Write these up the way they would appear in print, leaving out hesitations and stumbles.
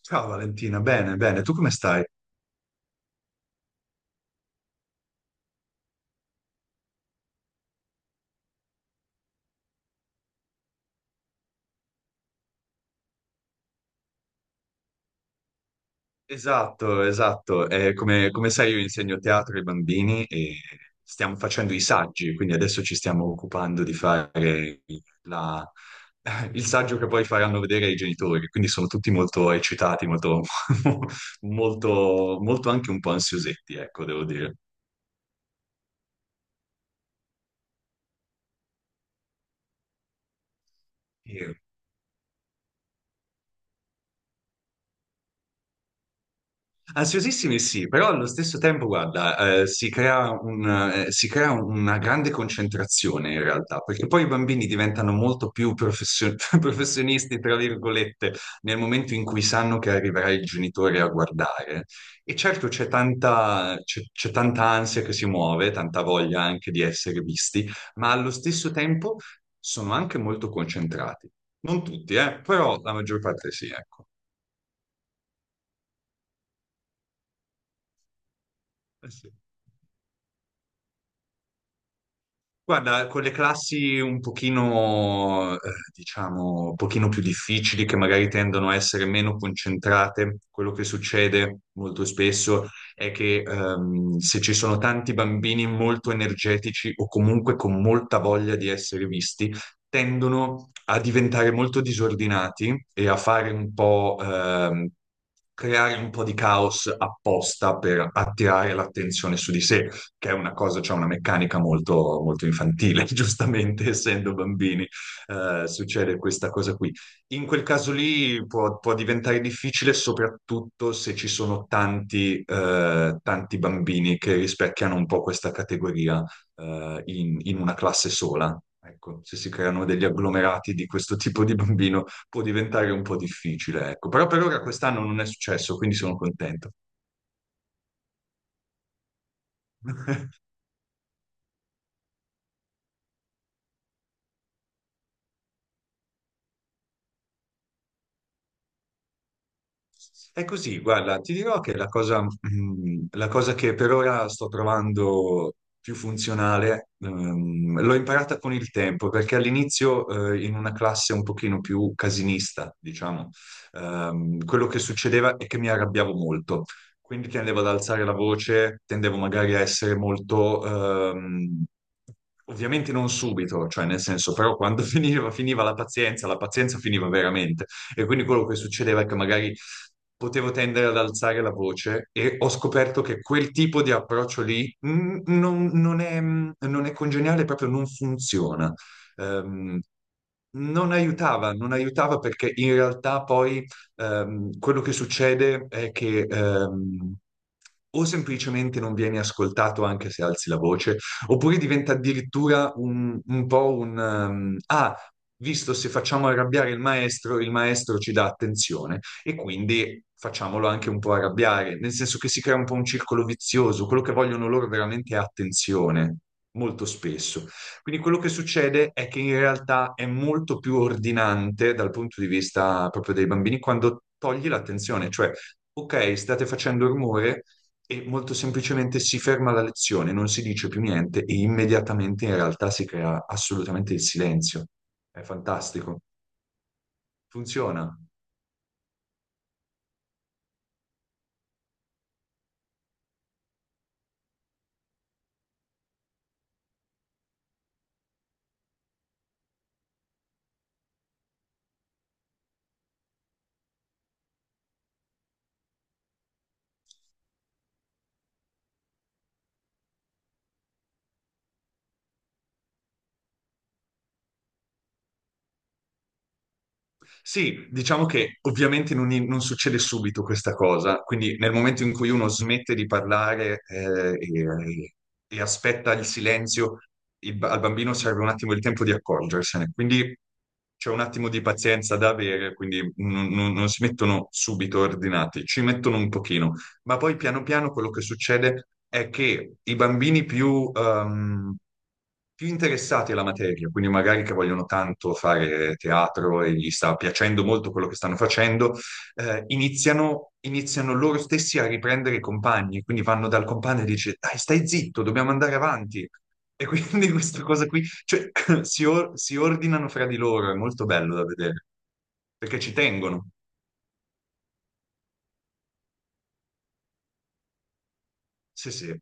Ciao Valentina, bene, bene, tu come stai? Esatto, esatto. Come sai io insegno teatro ai bambini e stiamo facendo i saggi, quindi adesso ci stiamo occupando di fare la- il saggio che poi faranno vedere ai genitori, quindi sono tutti molto eccitati, molto, molto, molto anche un po' ansiosetti, ecco, devo dire. Ansiosissimi sì, però allo stesso tempo, guarda, si crea un, si crea una grande concentrazione in realtà, perché poi i bambini diventano molto più professionisti, tra virgolette, nel momento in cui sanno che arriverà il genitore a guardare. E certo c'è tanta, c'è tanta ansia che si muove, tanta voglia anche di essere visti, ma allo stesso tempo sono anche molto concentrati. Non tutti, però la maggior parte sì, ecco. Eh sì. Guarda, con le classi un pochino, diciamo, un pochino più difficili, che magari tendono a essere meno concentrate, quello che succede molto spesso è che se ci sono tanti bambini molto energetici o comunque con molta voglia di essere visti, tendono a diventare molto disordinati e a fare un po', creare un po' di caos apposta per attirare l'attenzione su di sé che è una cosa, cioè una meccanica molto, molto infantile, giustamente, essendo bambini, succede questa cosa qui. In quel caso lì può, può diventare difficile, soprattutto se ci sono tanti, tanti bambini che rispecchiano un po' questa categoria, in una classe sola. Ecco, se si creano degli agglomerati di questo tipo di bambino può diventare un po' difficile, ecco. Però per ora quest'anno non è successo, quindi sono contento. È così, guarda, ti dirò che la cosa, la cosa che per ora sto trovando più funzionale, l'ho imparata con il tempo, perché all'inizio, in una classe un pochino più casinista, diciamo, quello che succedeva è che mi arrabbiavo molto, quindi tendevo ad alzare la voce, tendevo magari a essere molto, ehm, ovviamente non subito, cioè nel senso, però quando finiva, finiva la pazienza finiva veramente. E quindi quello che succedeva è che magari potevo tendere ad alzare la voce e ho scoperto che quel tipo di approccio lì non, non è, non è congeniale, proprio non funziona. Ehm, non aiutava, non aiutava perché in realtà poi quello che succede è che o semplicemente non vieni ascoltato anche se alzi la voce, oppure diventa addirittura un po' un visto se facciamo arrabbiare il maestro ci dà attenzione e quindi facciamolo anche un po' arrabbiare, nel senso che si crea un po' un circolo vizioso, quello che vogliono loro veramente è attenzione, molto spesso. Quindi quello che succede è che in realtà è molto più ordinante dal punto di vista proprio dei bambini quando togli l'attenzione, cioè, ok, state facendo rumore e molto semplicemente si ferma la lezione, non si dice più niente e immediatamente in realtà si crea assolutamente il silenzio. È fantastico. Funziona. Sì, diciamo che ovviamente non, non succede subito questa cosa, quindi nel momento in cui uno smette di parlare e aspetta il silenzio, al bambino serve un attimo il tempo di accorgersene, quindi c'è un attimo di pazienza da avere, quindi non, non si mettono subito ordinati, ci mettono un pochino. Ma poi piano piano quello che succede è che i bambini più, più interessati alla materia, quindi magari che vogliono tanto fare teatro e gli sta piacendo molto quello che stanno facendo, iniziano loro stessi a riprendere i compagni, quindi vanno dal compagno e dice, dai, stai zitto, dobbiamo andare avanti. E quindi questa cosa qui, cioè, si ordinano fra di loro, è molto bello da vedere, perché ci tengono. Sì, sì.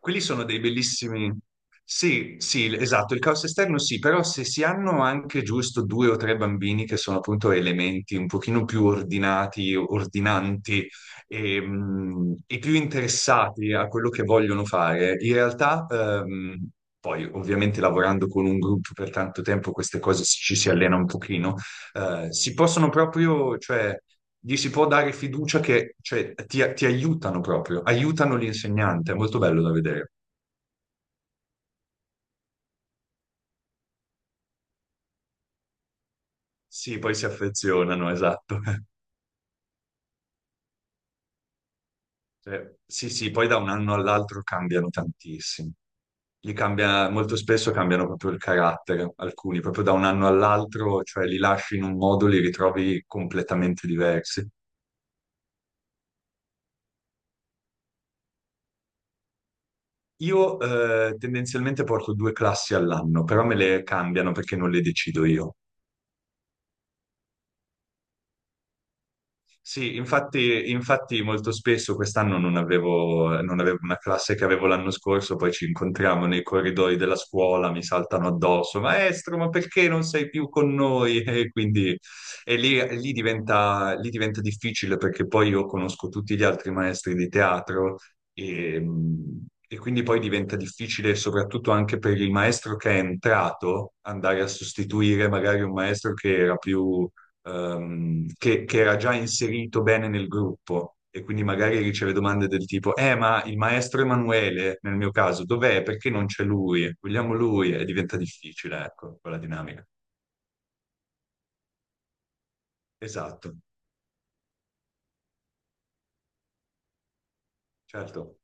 Quelli sono dei bellissimi. Sì, sì, esatto, il caos esterno sì, però se si hanno anche giusto due o tre bambini che sono appunto elementi un pochino più ordinati, ordinanti e più interessati a quello che vogliono fare, in realtà, poi ovviamente lavorando con un gruppo per tanto tempo queste cose ci si allena un pochino, si possono proprio, cioè gli si può dare fiducia che cioè, ti aiutano proprio, aiutano l'insegnante, è molto bello da vedere. Sì, poi si affezionano, esatto. Cioè, sì, sì, poi da un anno all'altro cambiano tantissimo. Gli cambia, molto spesso cambiano proprio il carattere, alcuni, proprio da un anno all'altro, cioè li lasci in un modo, li ritrovi completamente diversi. Io tendenzialmente porto due classi all'anno, però me le cambiano perché non le decido io. Sì, infatti, infatti molto spesso quest'anno non avevo, non avevo una classe che avevo l'anno scorso, poi ci incontriamo nei corridoi della scuola, mi saltano addosso, maestro, ma perché non sei più con noi? E quindi lì diventa difficile perché poi io conosco tutti gli altri maestri di teatro e, e quindi poi diventa difficile soprattutto anche per il maestro che è entrato andare a sostituire magari un maestro che era più che era già inserito bene nel gruppo e quindi magari riceve domande del tipo, ma il maestro Emanuele, nel mio caso, dov'è? Perché non c'è lui? Vogliamo lui? E diventa difficile, ecco, quella dinamica. Esatto, certo,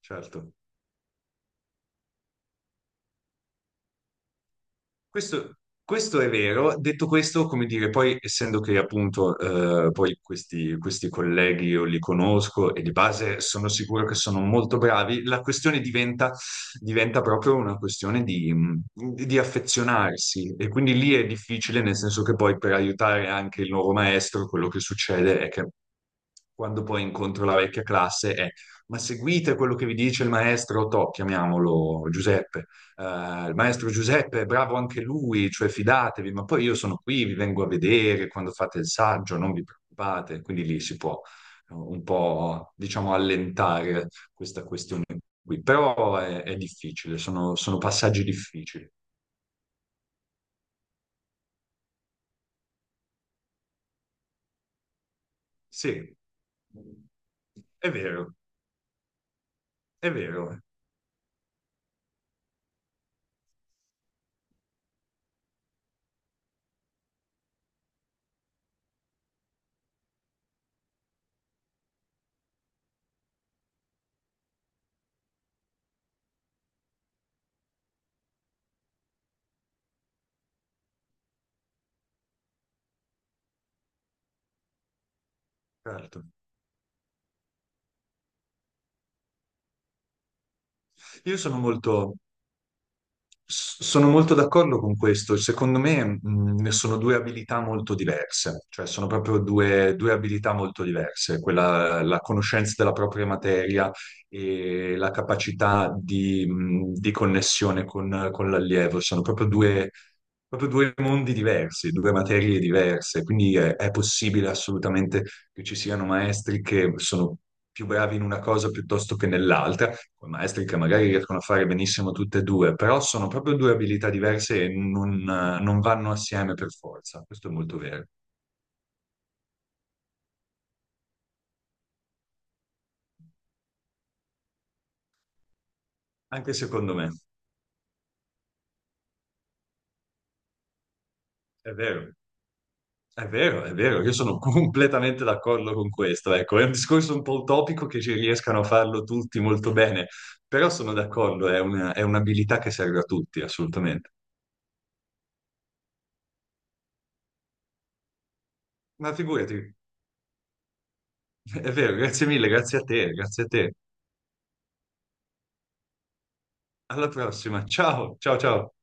certo. Questo, questo è vero, detto questo, come dire, poi essendo che appunto poi questi colleghi io li conosco e di base sono sicuro che sono molto bravi, diventa proprio una questione di affezionarsi e quindi lì è difficile, nel senso che poi per aiutare anche il nuovo maestro quello che succede è che quando poi incontro la vecchia classe è ma seguite quello che vi dice il maestro Tò, chiamiamolo Giuseppe. Eh, il maestro Giuseppe è bravo anche lui, cioè fidatevi, ma poi io sono qui, vi vengo a vedere quando fate il saggio, non vi preoccupate. Quindi lì si può un po', diciamo, allentare questa questione qui. Però è difficile, sono, sono passaggi difficili. Sì, è vero, è vero, certo. Io sono molto... Sono molto d'accordo con questo. Secondo me, ne sono due abilità molto diverse, cioè sono proprio due, due abilità molto diverse, quella, la conoscenza della propria materia e la capacità di connessione con l'allievo. Sono proprio due mondi diversi, due materie diverse, quindi è possibile assolutamente che ci siano maestri che sono più bravi in una cosa piuttosto che nell'altra, con maestri che magari riescono a fare benissimo tutte e due, però sono proprio due abilità diverse e non, non vanno assieme per forza. Questo è molto vero. Anche secondo me. È vero, è vero, è vero. Io sono completamente d'accordo con questo. Ecco, è un discorso un po' utopico che ci riescano a farlo tutti molto bene, però sono d'accordo, è un'abilità che serve a tutti, assolutamente. Ma figurati, è vero, grazie mille, grazie a te, grazie a te. Alla prossima. Ciao, ciao, ciao.